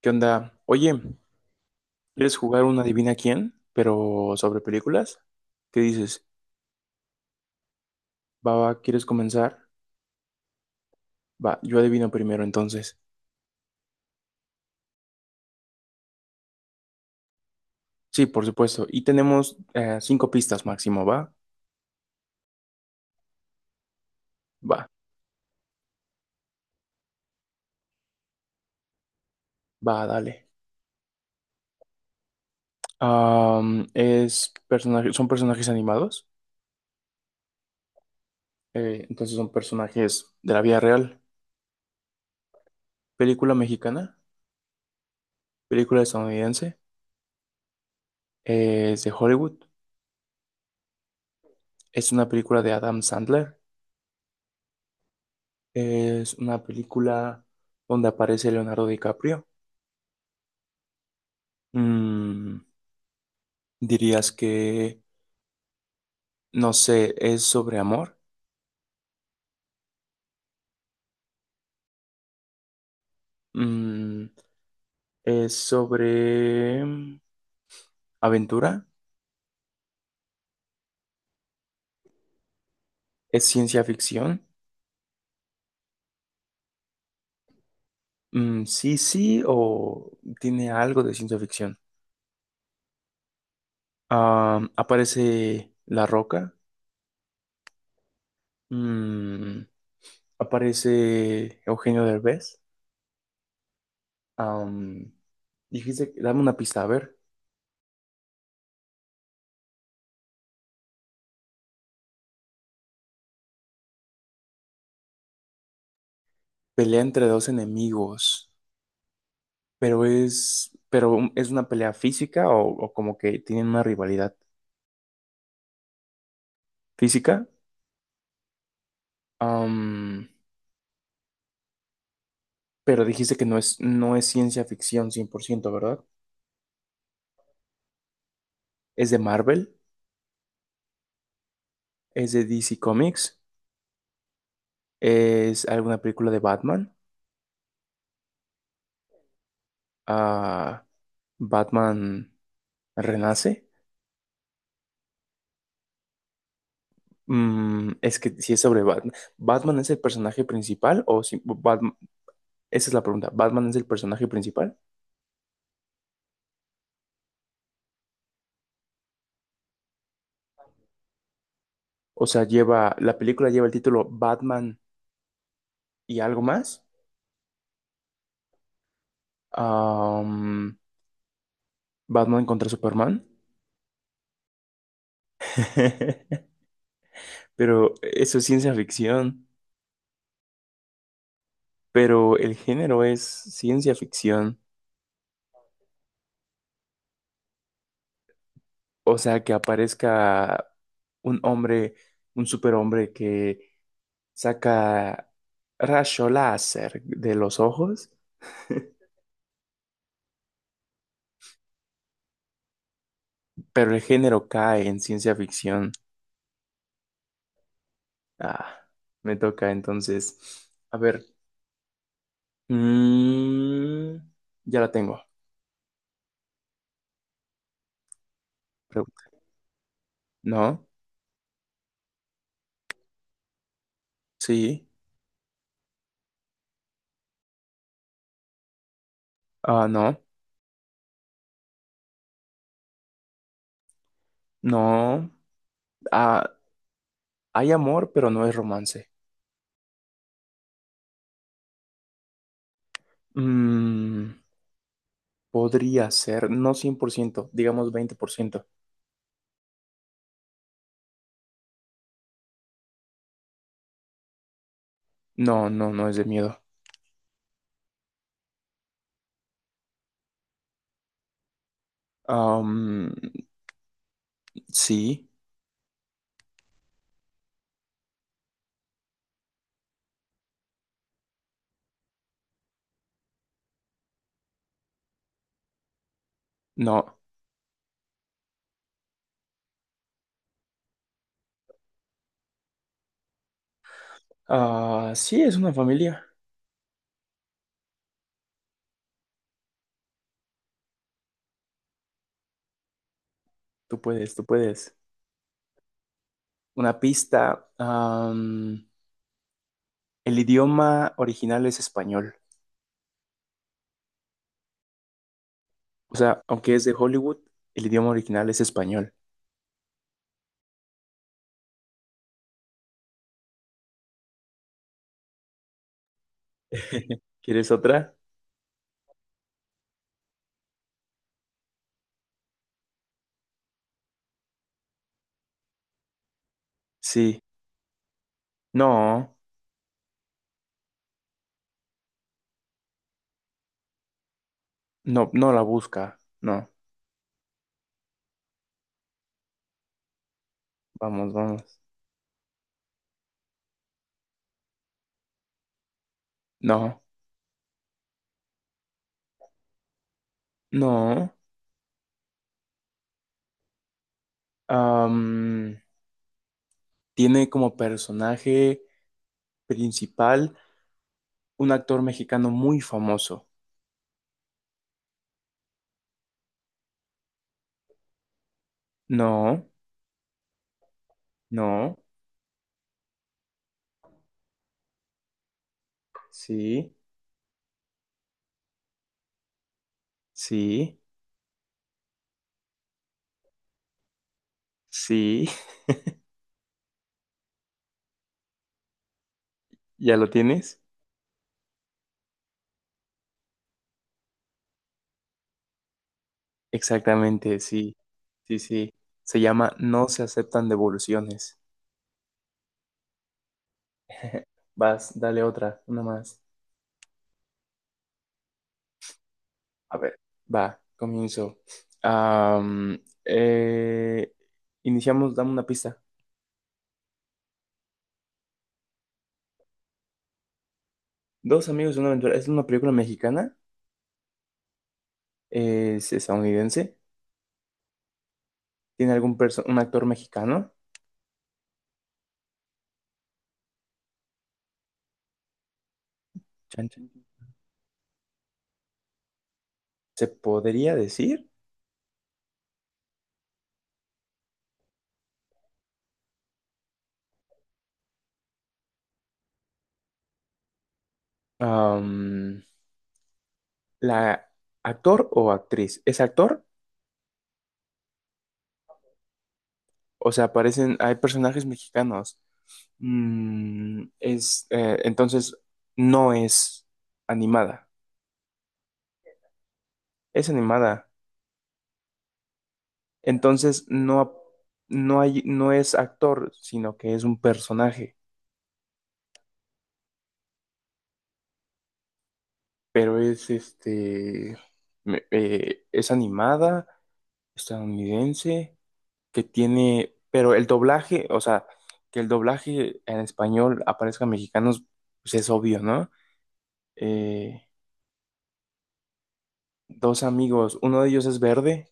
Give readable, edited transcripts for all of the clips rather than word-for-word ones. ¿Qué onda? Oye, ¿quieres jugar una adivina quién? Pero sobre películas. ¿Qué dices? Va, ¿quieres comenzar? Va, yo adivino primero entonces. Sí, por supuesto. Y tenemos cinco pistas máximo, ¿va? Va, va, dale. Son personajes animados. Entonces son personajes de la vida real. Película mexicana, película estadounidense, es de Hollywood. Es una película de Adam Sandler. Es una película donde aparece Leonardo DiCaprio. Mm, dirías que, no sé, ¿es sobre amor? Mm, es sobre aventura. ¿Es ciencia ficción? Mm, sí, sí, o tiene algo de ciencia ficción. Ah, ¿aparece La Roca? Mm, ¿aparece Eugenio Derbez? Am, dijiste, dame una pista, a ver. Pelea entre dos enemigos. Pero es una pelea física, o como que tienen una rivalidad física. Am, pero dijiste que no es ciencia ficción cien por ciento, ¿verdad? ¿Es de Marvel? ¿Es de DC Comics? ¿Es alguna película de Batman? Ah, Batman renace. Mm, es que si es sobre Batman. ¿Batman es el personaje principal? O si Batman, esa es la pregunta. ¿Batman es el personaje principal? O sea, lleva, la película lleva el título Batman y algo más. am, Batman contra Superman. Pero eso es ciencia ficción. Pero el género es ciencia ficción. O sea, que aparezca un hombre, un superhombre que saca rayo láser de los ojos, pero el género cae en ciencia ficción. Ah, me toca entonces. A ver. mm, ya la tengo. Pregunta. No, sí, ah, no, no. Ah, hay amor, pero no es romance. Mm, podría ser, no 100%, digamos 20%. No, no, no es de miedo. Am, sí, no. Ah, sí, es una familia. Tú puedes, tú puedes. Una pista. El idioma original es español. O sea, aunque es de Hollywood, el idioma original es español. ¿Quieres otra? Sí. No, no, no la busca. No, vamos, vamos. No, no. Am, tiene como personaje principal un actor mexicano muy famoso. No, no, sí, sí, sí. ¿Ya lo tienes? Exactamente, sí, sí, sí. Se llama No se aceptan devoluciones. Vas, dale otra, una más. A ver, va, comienzo. Am, eh, iniciamos, dame una pista. Dos amigos de una aventura. ¿Es una película mexicana? ¿Es estadounidense? ¿Tiene algún un actor mexicano? Chan, chan. Se podría decir, am, la actor o actriz. ¿Es actor? O sea, aparecen, hay personajes mexicanos. Entonces, no es animada, es animada. Entonces, no hay, no es actor, sino que es un personaje, pero es es animada, estadounidense. Que tiene, pero el doblaje, o sea, que el doblaje en español aparezca en mexicanos, pues es obvio, ¿no? Eh, dos amigos, uno de ellos es verde,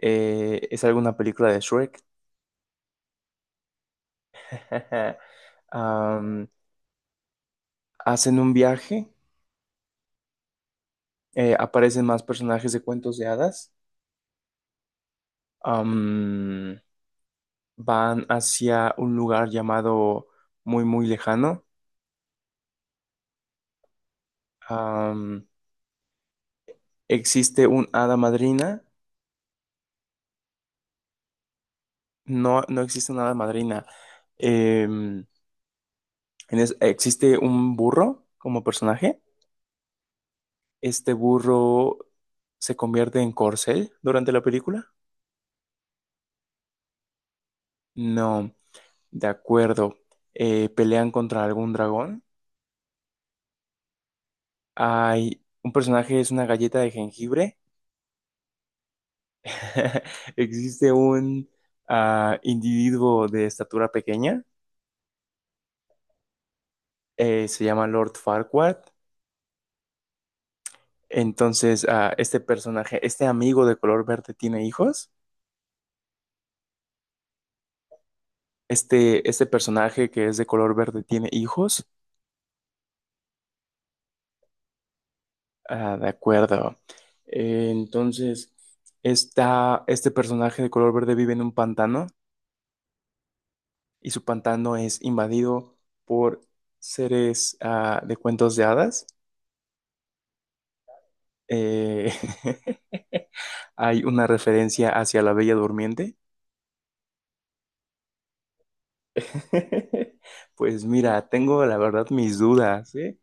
es alguna película de Shrek. Am, hacen un viaje, aparecen más personajes de cuentos de hadas. Am, van hacia un lugar llamado muy, muy lejano. Am, ¿existe un hada madrina? No, no existe una hada madrina. Eh, en existe un burro como personaje. Este burro se convierte en corcel durante la película. No, de acuerdo. Pelean contra algún dragón. Hay un personaje, es una galleta de jengibre. Existe un individuo de estatura pequeña. Eh, se llama Lord Farquaad. Entonces, este personaje, este amigo de color verde tiene hijos. Este personaje que es de color verde tiene hijos. Ah, de acuerdo. Eh, entonces, este personaje de color verde vive en un pantano, y su pantano es invadido por seres de cuentos de hadas. Eh, hay una referencia hacia la Bella Durmiente. Pues mira, tengo la verdad mis dudas, ¿eh?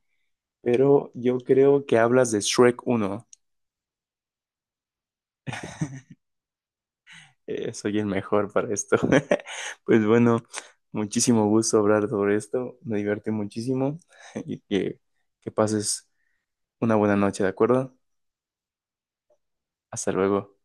Pero yo creo que hablas de Shrek uno. Soy el mejor para esto. Pues bueno, muchísimo gusto hablar sobre esto. Me divertí muchísimo y que, que pases una buena noche, ¿de acuerdo? Hasta luego.